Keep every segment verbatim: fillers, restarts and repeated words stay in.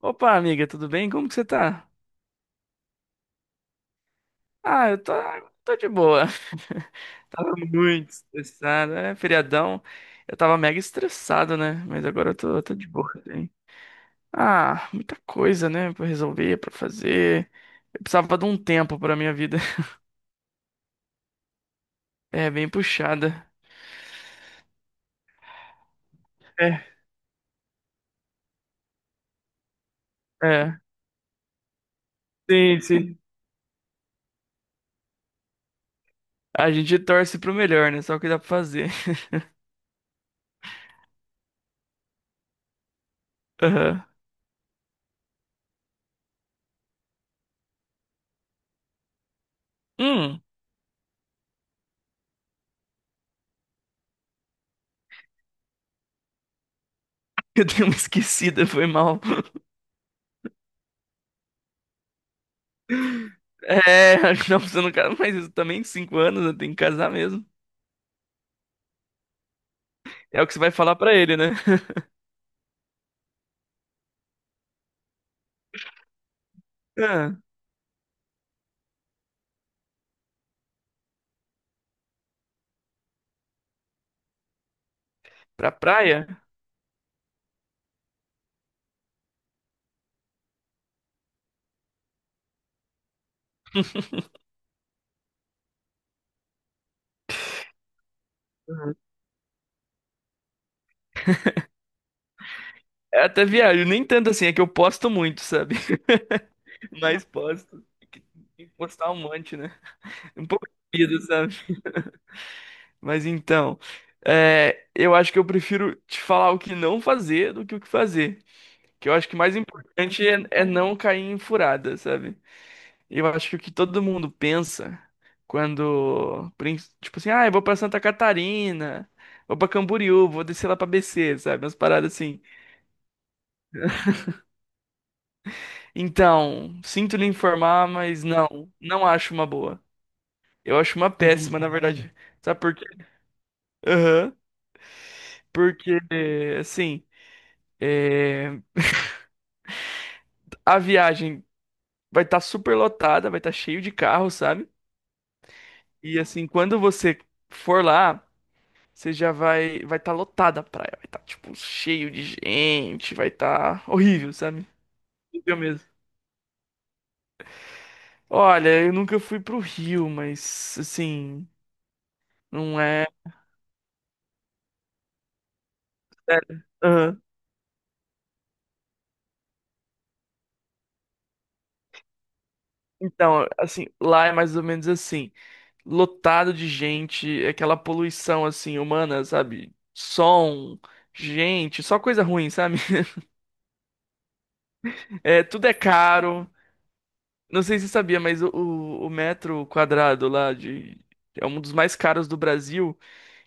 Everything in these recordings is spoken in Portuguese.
Opa, amiga, tudo bem? Como que você tá? Ah, eu tô tô de boa. Tava muito estressado, é feriadão. Eu tava mega estressado, né? Mas agora eu tô tô de boa também. Ah, muita coisa, né? Pra resolver, pra fazer. Eu precisava de um tempo pra minha vida. É, bem puxada. É, é. Sim, sim. A gente torce pro melhor, né? Só o que dá pra fazer. Aham. Hum, eu dei uma esquecida, foi mal. É, acho que não, você não casa, mas isso também, cinco anos, né? Tem que casar mesmo. É o que você vai falar pra ele, né? Ah, pra praia? Uhum. É até viajo, nem tanto assim, é que eu posto muito, sabe? Mas posto. Tem que postar um monte, né? Um pouco de vida, sabe? Mas então, é, eu acho que eu prefiro te falar o que não fazer do que o que fazer. Que eu acho que o mais importante é, é não cair em furada, sabe? Eu acho que o que todo mundo pensa quando, prin- tipo assim, ah, eu vou pra Santa Catarina, vou pra Camboriú, vou descer lá pra B C, sabe? Umas paradas assim. Então, sinto lhe informar, mas não, não acho uma boa. Eu acho uma péssima, na verdade. Sabe por quê? Aham. Porque, assim, é, a viagem vai estar super lotada, vai estar cheio de carro, sabe? E assim, quando você for lá. Você já vai vai estar lotada a praia, vai estar tipo cheio de gente, vai estar horrível, sabe? Horrível mesmo. Olha, eu nunca fui pro Rio, mas assim, não é. É, aham. Então, assim, lá é mais ou menos assim, lotado de gente, aquela poluição assim humana, sabe? Som, gente, só coisa ruim, sabe? É, tudo é caro. Não sei se você sabia, mas o, o o metro quadrado lá de é um dos mais caros do Brasil.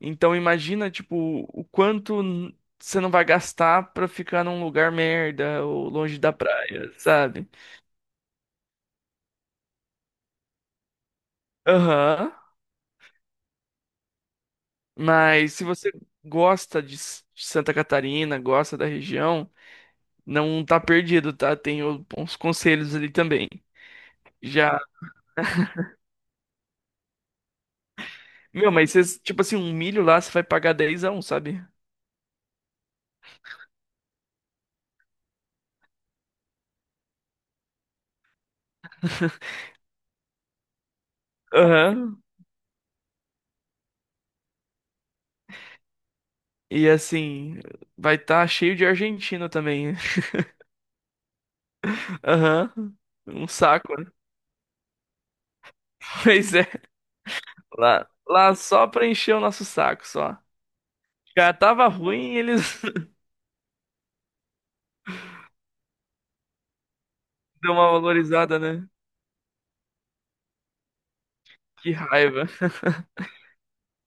Então imagina, tipo, o quanto n- você não vai gastar pra ficar num lugar merda ou longe da praia, sabe? Aham. Mas se você gosta de S- de Santa Catarina, gosta da região, não tá perdido, tá? Tem o- uns conselhos ali também. Já. Meu, mas cês, tipo assim, um milho lá você vai pagar dez a um, sabe? Aham. E assim, vai estar cheio de argentino também. Aham. Um saco, né? Pois é. Lá, lá só pra encher o nosso saco, só. Já tava ruim e eles deu uma valorizada, né? Que raiva.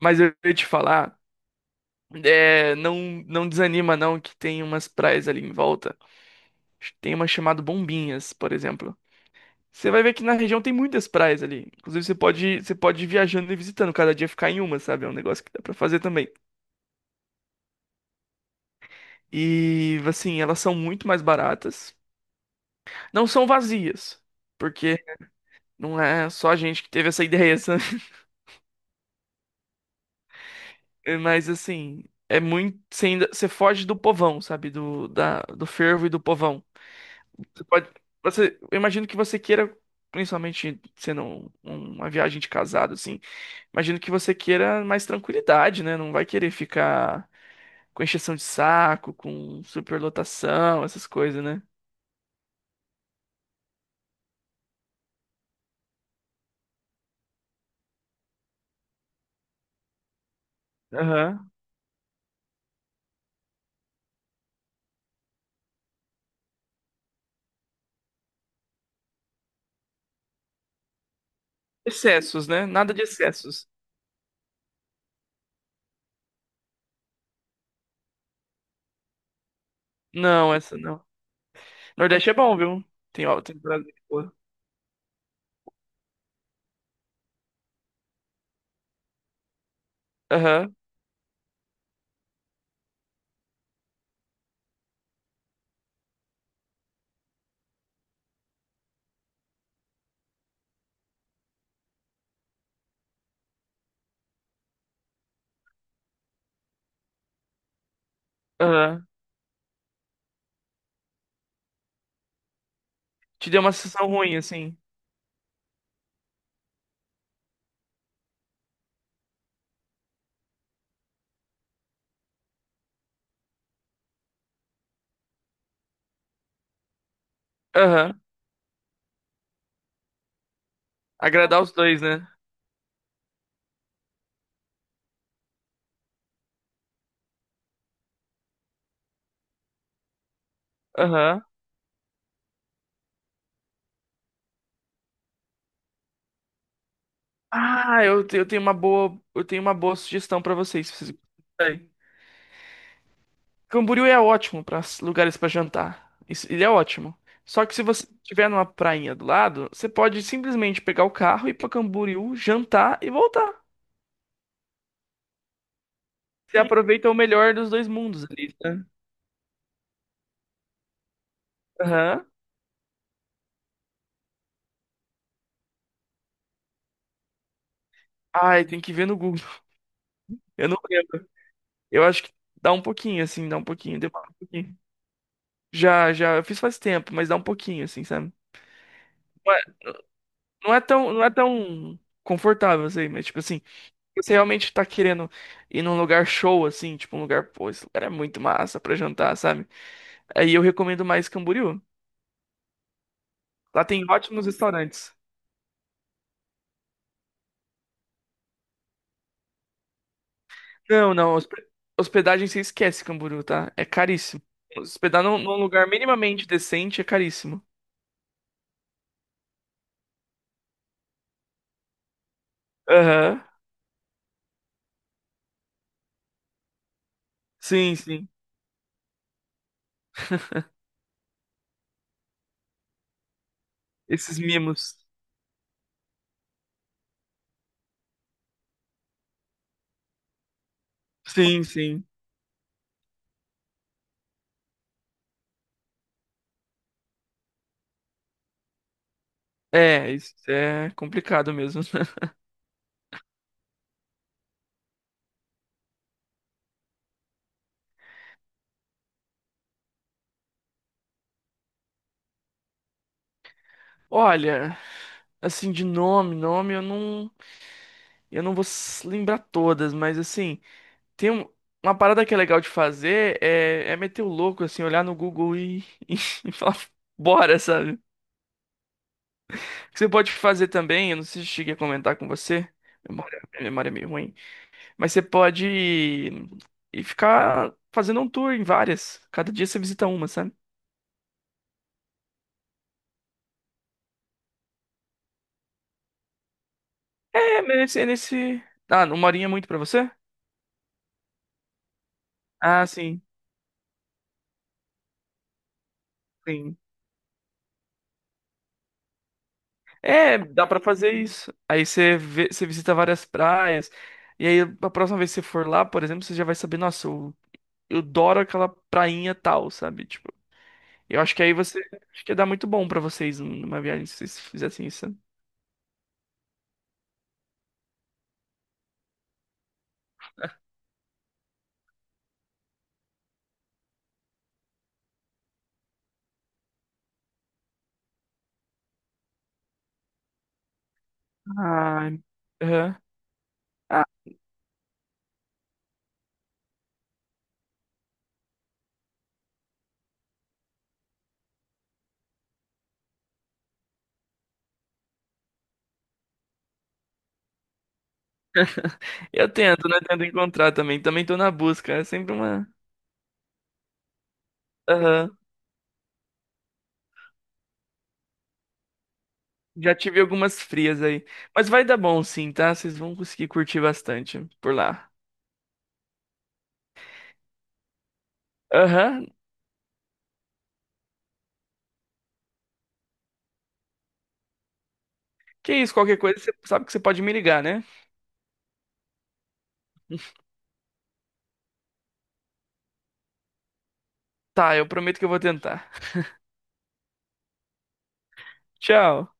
Mas eu ia te falar, é, não, não desanima não que tem umas praias ali em volta. Tem uma chamada Bombinhas, por exemplo. Você vai ver que na região tem muitas praias ali. Inclusive você pode, você pode ir viajando e visitando, cada dia ficar em uma, sabe? É um negócio que dá pra fazer também. E assim, elas são muito mais baratas. Não são vazias, porque não é só a gente que teve essa ideia, sabe? É, mas assim, é muito. Você ainda, você foge do povão, sabe? Do, da, do fervo e do povão. Você pode. Você, eu imagino que você queira, principalmente sendo um- um, uma viagem de casado, assim, imagino que você queira mais tranquilidade, né? Não vai querer ficar com encheção de saco, com superlotação, essas coisas, né? Aham. Excessos, né? Nada de excessos. Não, essa não. Nordeste é bom, viu? Tem, ó, tem prazer. De boa. Aham, aham. Te deu uma sensação ruim, assim. Aham. Agradar os dois, né? Aham. Ah, eu, te- eu tenho uma boa, eu tenho uma boa sugestão pra vocês, se vocês gostarem. Camboriú é ótimo para lugares pra jantar. Isso- ele é ótimo. Só que se você estiver numa prainha do lado, você pode simplesmente pegar o carro e ir pra Camboriú, jantar e voltar. Você aproveita o melhor dos dois mundos ali, né? Aham. Ai, tem que ver no Google. Eu não lembro. Eu acho que dá um pouquinho, assim, dá um pouquinho, demora um pouquinho. Já, já, eu fiz faz tempo, mas dá um pouquinho, assim, sabe? Não é tão, não é tão confortável, assim, mas tipo assim, você realmente tá querendo ir num lugar show, assim, tipo um lugar, pô, esse lugar é muito massa pra jantar, sabe? Aí eu recomendo mais Camboriú. Lá tem ótimos restaurantes. Não, não, hospe- hospedagem você esquece Camboriú, tá? É caríssimo. Hospedar num, num lugar minimamente decente é caríssimo. Aham. Sim, sim. Esses mimos. Sim, sim. É, isso é complicado mesmo. Olha, assim, de nome, nome eu não. Eu não vou s- lembrar todas, mas assim, tem um- uma parada que é legal de fazer é, é meter o louco, assim, olhar no Google e, e, falar, bora, sabe? O que você pode fazer também, eu não sei se eu cheguei a comentar com você, memória, minha memória é meio ruim, mas você pode ir, ir ficar fazendo um tour em várias. Cada dia você visita uma, sabe? É, mas é nesse. Ah, uma horinha é muito pra você? Ah, sim. Sim. É, dá pra fazer isso. Aí você vê- você visita várias praias. E aí, a próxima vez que você for lá, por exemplo, você já vai saber, nossa, eu, eu adoro aquela prainha tal, sabe? Tipo, eu acho que aí você. Acho que ia dar muito bom pra vocês numa viagem se vocês fizessem isso. Sabe? Ai, aham. Ah, eu tento, né? Tento encontrar também. Também tô na busca. É sempre uma. Aham. Já tive algumas frias aí. Mas vai dar bom sim, tá? Vocês vão conseguir curtir bastante por lá. Aham. Que isso, qualquer coisa, você sabe que você pode me ligar, né? Tá, eu prometo que eu vou tentar. Tchau.